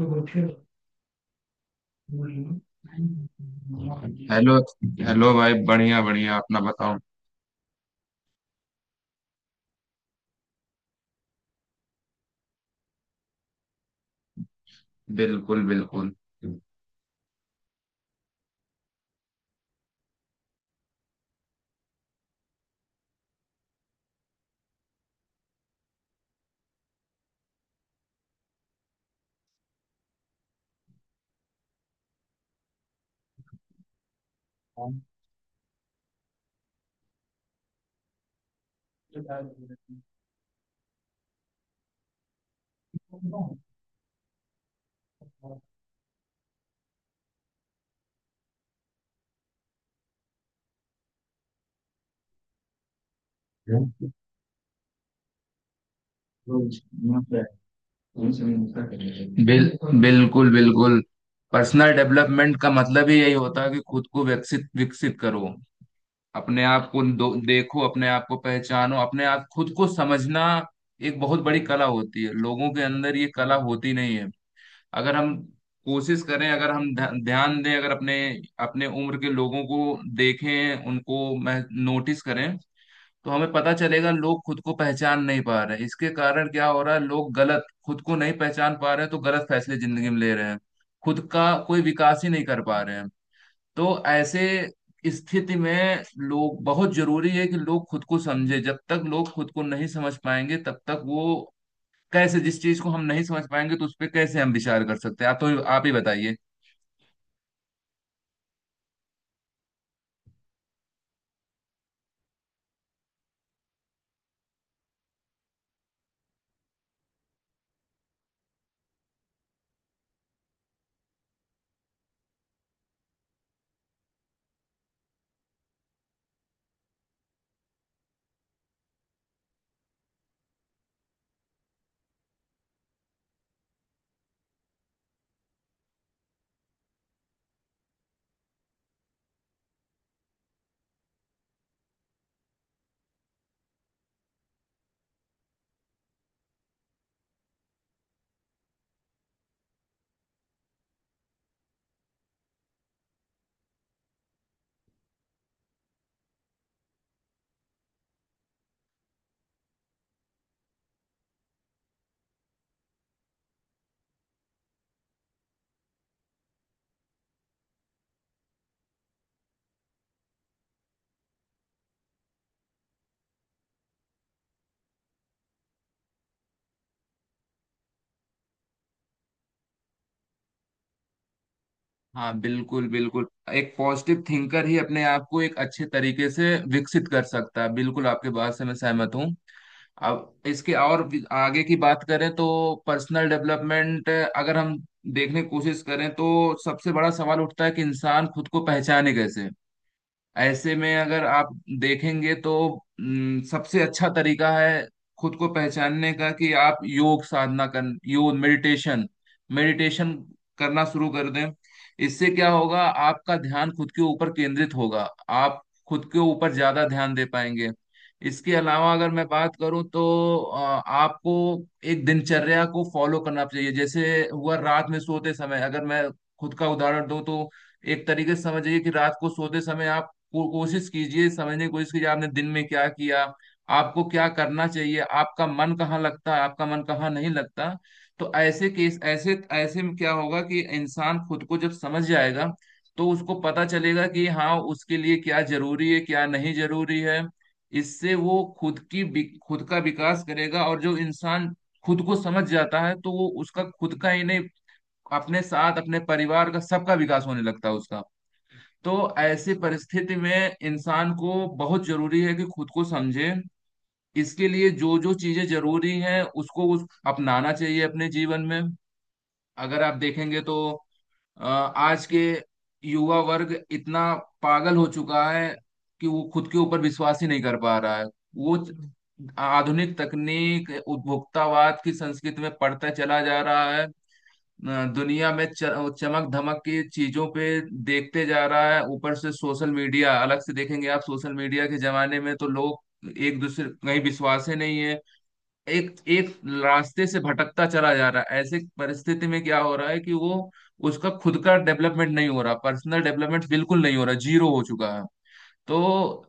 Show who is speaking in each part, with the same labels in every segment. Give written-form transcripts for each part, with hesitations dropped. Speaker 1: Hello. Hello भाई, बढ़िया बढ़िया, अपना बताओ। बिल्कुल बिल्कुल। बिल्कुल बिल्कुल। पर्सनल डेवलपमेंट का मतलब ही यही होता है कि खुद को विकसित विकसित करो। अपने आप को देखो, अपने आप को पहचानो, अपने आप खुद को समझना एक बहुत बड़ी कला होती है। लोगों के अंदर ये कला होती नहीं है। अगर हम कोशिश करें, अगर हम ध्यान दें, अगर अपने अपने उम्र के लोगों को देखें, उनको नोटिस करें, तो हमें पता चलेगा लोग खुद को पहचान नहीं पा रहे हैं। इसके कारण क्या हो रहा है, लोग गलत, खुद को नहीं पहचान पा रहे हैं तो गलत फैसले जिंदगी में ले रहे हैं। खुद का कोई विकास ही नहीं कर पा रहे हैं। तो ऐसे स्थिति में लोग, बहुत जरूरी है कि लोग खुद को समझे। जब तक लोग खुद को नहीं समझ पाएंगे तब तक वो कैसे, जिस चीज को हम नहीं समझ पाएंगे तो उस पर कैसे हम विचार कर सकते हैं। आप तो आप ही बताइए। हाँ बिल्कुल बिल्कुल। एक पॉजिटिव थिंकर ही अपने आप को एक अच्छे तरीके से विकसित कर सकता है, बिल्कुल आपके बात से मैं सहमत हूँ। अब इसके आगे की बात करें तो पर्सनल डेवलपमेंट, अगर हम देखने की कोशिश करें तो सबसे बड़ा सवाल उठता है कि इंसान खुद को पहचाने कैसे। ऐसे में अगर आप देखेंगे तो सबसे अच्छा तरीका है खुद को पहचानने का कि आप योग साधना कर, योग मेडिटेशन, मेडिटेशन करना शुरू कर दें। इससे क्या होगा, आपका ध्यान खुद के ऊपर केंद्रित होगा, आप खुद के ऊपर ज्यादा ध्यान दे पाएंगे। इसके अलावा अगर मैं बात करूं तो अ, आपको एक दिनचर्या को फॉलो करना चाहिए। जैसे हुआ, रात में सोते समय अगर मैं खुद का उदाहरण दूं तो एक तरीके से समझिए कि रात को सोते समय आप कोशिश कीजिए, समझने की कोशिश कीजिए आपने दिन में क्या किया, आपको क्या करना चाहिए, आपका मन कहाँ लगता है, आपका मन कहाँ नहीं लगता। तो ऐसे केस, ऐसे ऐसे में क्या होगा कि इंसान खुद को जब समझ जाएगा तो उसको पता चलेगा कि हाँ, उसके लिए क्या जरूरी है, क्या नहीं जरूरी है। इससे वो खुद की खुद का विकास करेगा, और जो इंसान खुद को समझ जाता है तो वो उसका खुद का ही नहीं, अपने साथ अपने परिवार का सबका विकास होने लगता है उसका। तो ऐसी परिस्थिति में इंसान को बहुत जरूरी है कि खुद को समझे। इसके लिए जो जो चीजें जरूरी हैं उसको, उस अपनाना चाहिए अपने जीवन में। अगर आप देखेंगे तो आज के युवा वर्ग इतना पागल हो चुका है कि वो खुद के ऊपर विश्वास ही नहीं कर पा रहा है। वो आधुनिक तकनीक, उपभोक्तावाद की संस्कृति में पड़ता चला जा रहा है। दुनिया में चमक धमक की चीजों पे देखते जा रहा है। ऊपर से सोशल मीडिया, अलग से देखेंगे आप सोशल मीडिया के जमाने में तो लोग एक दूसरे कहीं विश्वास ही नहीं है। एक एक रास्ते से भटकता चला जा रहा है। ऐसे परिस्थिति में क्या हो रहा है कि वो, उसका खुद का डेवलपमेंट नहीं हो रहा, पर्सनल डेवलपमेंट बिल्कुल नहीं हो रहा, जीरो हो चुका है। तो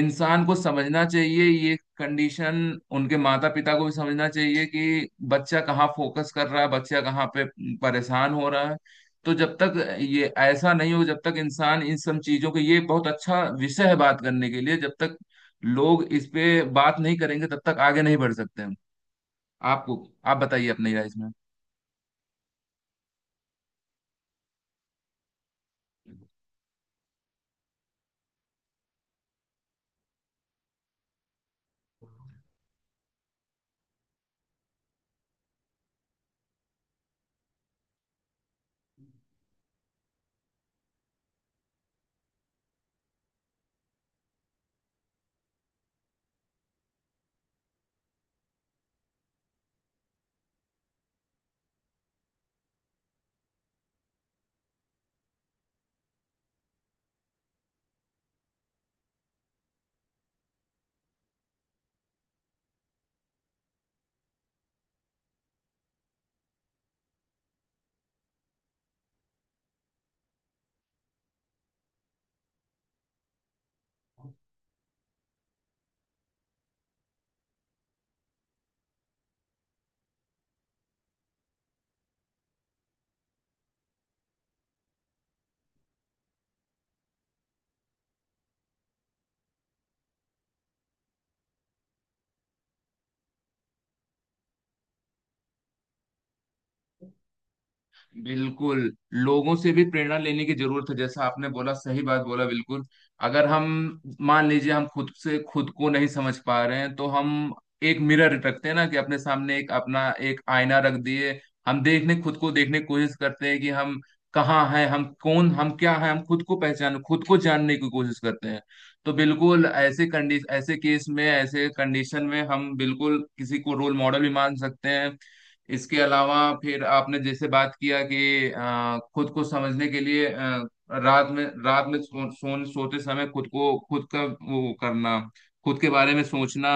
Speaker 1: इंसान को समझना चाहिए ये कंडीशन, उनके माता पिता को भी समझना चाहिए कि बच्चा कहाँ फोकस कर रहा है, बच्चा कहाँ पे परेशान हो रहा है। तो जब तक ये ऐसा नहीं हो, जब तक इंसान इन सब चीजों के, ये बहुत अच्छा विषय है बात करने के लिए, जब तक लोग इस पे बात नहीं करेंगे तब तक आगे नहीं बढ़ सकते हम। आपको, आप बताइए अपनी राय इसमें। बिल्कुल, लोगों से भी प्रेरणा लेने की जरूरत है, जैसा आपने बोला, सही बात बोला बिल्कुल। अगर हम मान लीजिए हम खुद से खुद को नहीं समझ पा रहे हैं तो हम एक मिरर रखते हैं ना, कि अपने सामने एक अपना एक आईना रख दिए, हम देखने, खुद को देखने की कोशिश करते हैं कि हम कहाँ हैं, हम कौन, हम क्या हैं, हम खुद को पहचान, खुद को जानने की कोशिश करते हैं। तो बिल्कुल ऐसे कंडीशन, ऐसे केस में, ऐसे कंडीशन में हम बिल्कुल किसी को रोल मॉडल भी मान सकते हैं। इसके अलावा फिर आपने जैसे बात किया कि खुद को समझने के लिए रात में सोते समय खुद को, खुद का वो करना, खुद के बारे में सोचना।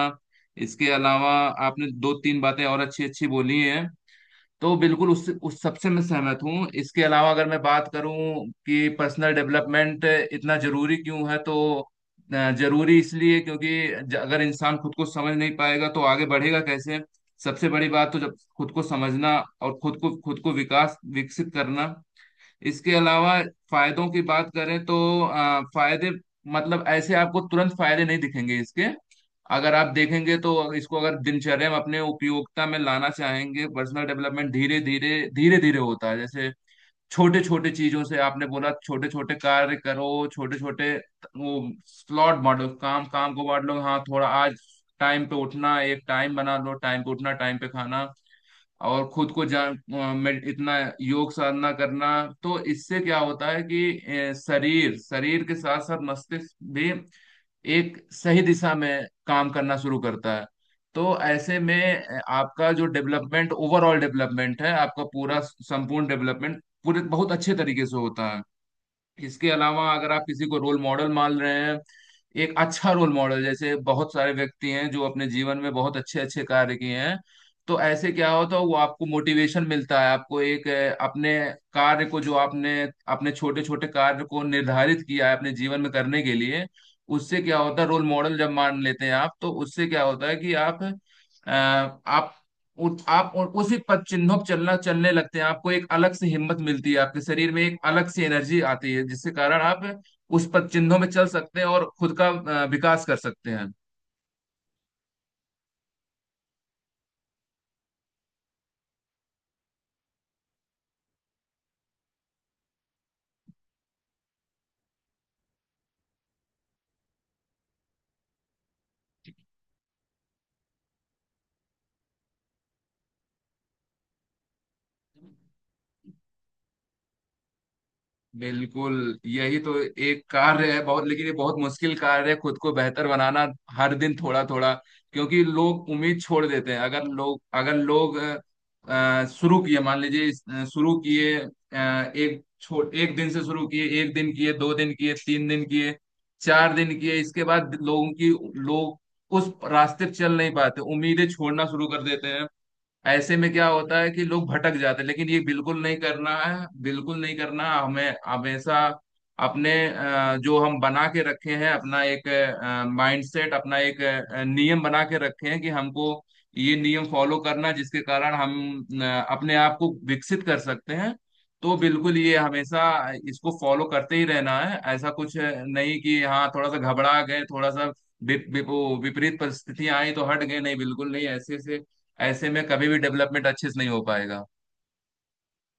Speaker 1: इसके अलावा आपने दो तीन बातें और अच्छी अच्छी बोली हैं, तो बिल्कुल उस सबसे मैं सहमत हूँ। इसके अलावा अगर मैं बात करूँ कि पर्सनल डेवलपमेंट इतना जरूरी क्यों है, तो जरूरी इसलिए क्योंकि अगर इंसान खुद को समझ नहीं पाएगा तो आगे बढ़ेगा कैसे। सबसे बड़ी बात तो जब खुद को समझना और खुद को विकास विकसित करना। इसके अलावा फायदों की बात करें तो फायदे मतलब ऐसे आपको तुरंत फायदे नहीं दिखेंगे इसके। अगर आप देखेंगे तो इसको अगर दिनचर्या में अपने उपयोगिता में लाना चाहेंगे, पर्सनल डेवलपमेंट धीरे धीरे होता है। जैसे छोटे छोटे चीजों से, आपने बोला छोटे छोटे कार्य करो, छोटे छोटे वो स्लॉट बांटो, काम, काम को बांट लो, हाँ थोड़ा आज टाइम पे उठना, एक टाइम बना लो, टाइम पे उठना, टाइम पे खाना, और खुद को जान, इतना योग साधना करना। तो इससे क्या होता है कि शरीर शरीर के साथ साथ मस्तिष्क भी एक सही दिशा में काम करना शुरू करता है। तो ऐसे में आपका जो डेवलपमेंट, ओवरऑल डेवलपमेंट है आपका, पूरा संपूर्ण डेवलपमेंट पूरे बहुत अच्छे तरीके से होता है। इसके अलावा अगर आप किसी को रोल मॉडल मान रहे हैं, एक अच्छा रोल मॉडल, जैसे बहुत सारे व्यक्ति हैं जो अपने जीवन में बहुत अच्छे अच्छे कार्य किए हैं, तो ऐसे क्या होता है वो आपको मोटिवेशन मिलता है, आपको एक, अपने कार्य को, जो आपने अपने छोटे छोटे कार्य को निर्धारित किया है अपने जीवन में करने के लिए, उससे क्या होता है, रोल मॉडल जब मान लेते हैं आप, तो उससे क्या होता है कि आप आप आप और उसी पद चिन्हों पर चलना, चलने लगते हैं, आपको एक अलग सी हिम्मत मिलती है, आपके शरीर में एक अलग सी एनर्जी आती है जिसके कारण आप उस पद चिन्हों में चल सकते हैं और खुद का विकास कर सकते हैं। बिल्कुल, यही तो एक कार्य है बहुत, लेकिन ये बहुत मुश्किल कार्य है खुद को बेहतर बनाना, हर दिन थोड़ा थोड़ा। क्योंकि लोग उम्मीद छोड़ देते हैं, अगर लोग शुरू किए मान लीजिए, शुरू किए एक दिन से शुरू किए, एक दिन किए, दो दिन किए, तीन दिन किए, चार दिन किए, इसके बाद लोगों की, लोग उस रास्ते पे चल नहीं पाते, उम्मीदें छोड़ना शुरू कर देते हैं। ऐसे में क्या होता है कि लोग भटक जाते हैं, लेकिन ये बिल्कुल नहीं करना है, बिल्कुल नहीं करना हमें, हमेशा अपने जो हम बना के रखे हैं, अपना एक माइंडसेट, अपना एक नियम बना के रखे हैं कि हमको ये नियम फॉलो करना है, जिसके कारण हम अपने आप को विकसित कर सकते हैं। तो बिल्कुल ये हमेशा इसको फॉलो करते ही रहना है, ऐसा कुछ नहीं कि हाँ थोड़ा सा घबरा गए, थोड़ा सा वि- वि- वो विपरीत परिस्थितियां आई तो हट गए, नहीं बिल्कुल नहीं। ऐसे में कभी भी डेवलपमेंट अच्छे से नहीं हो पाएगा।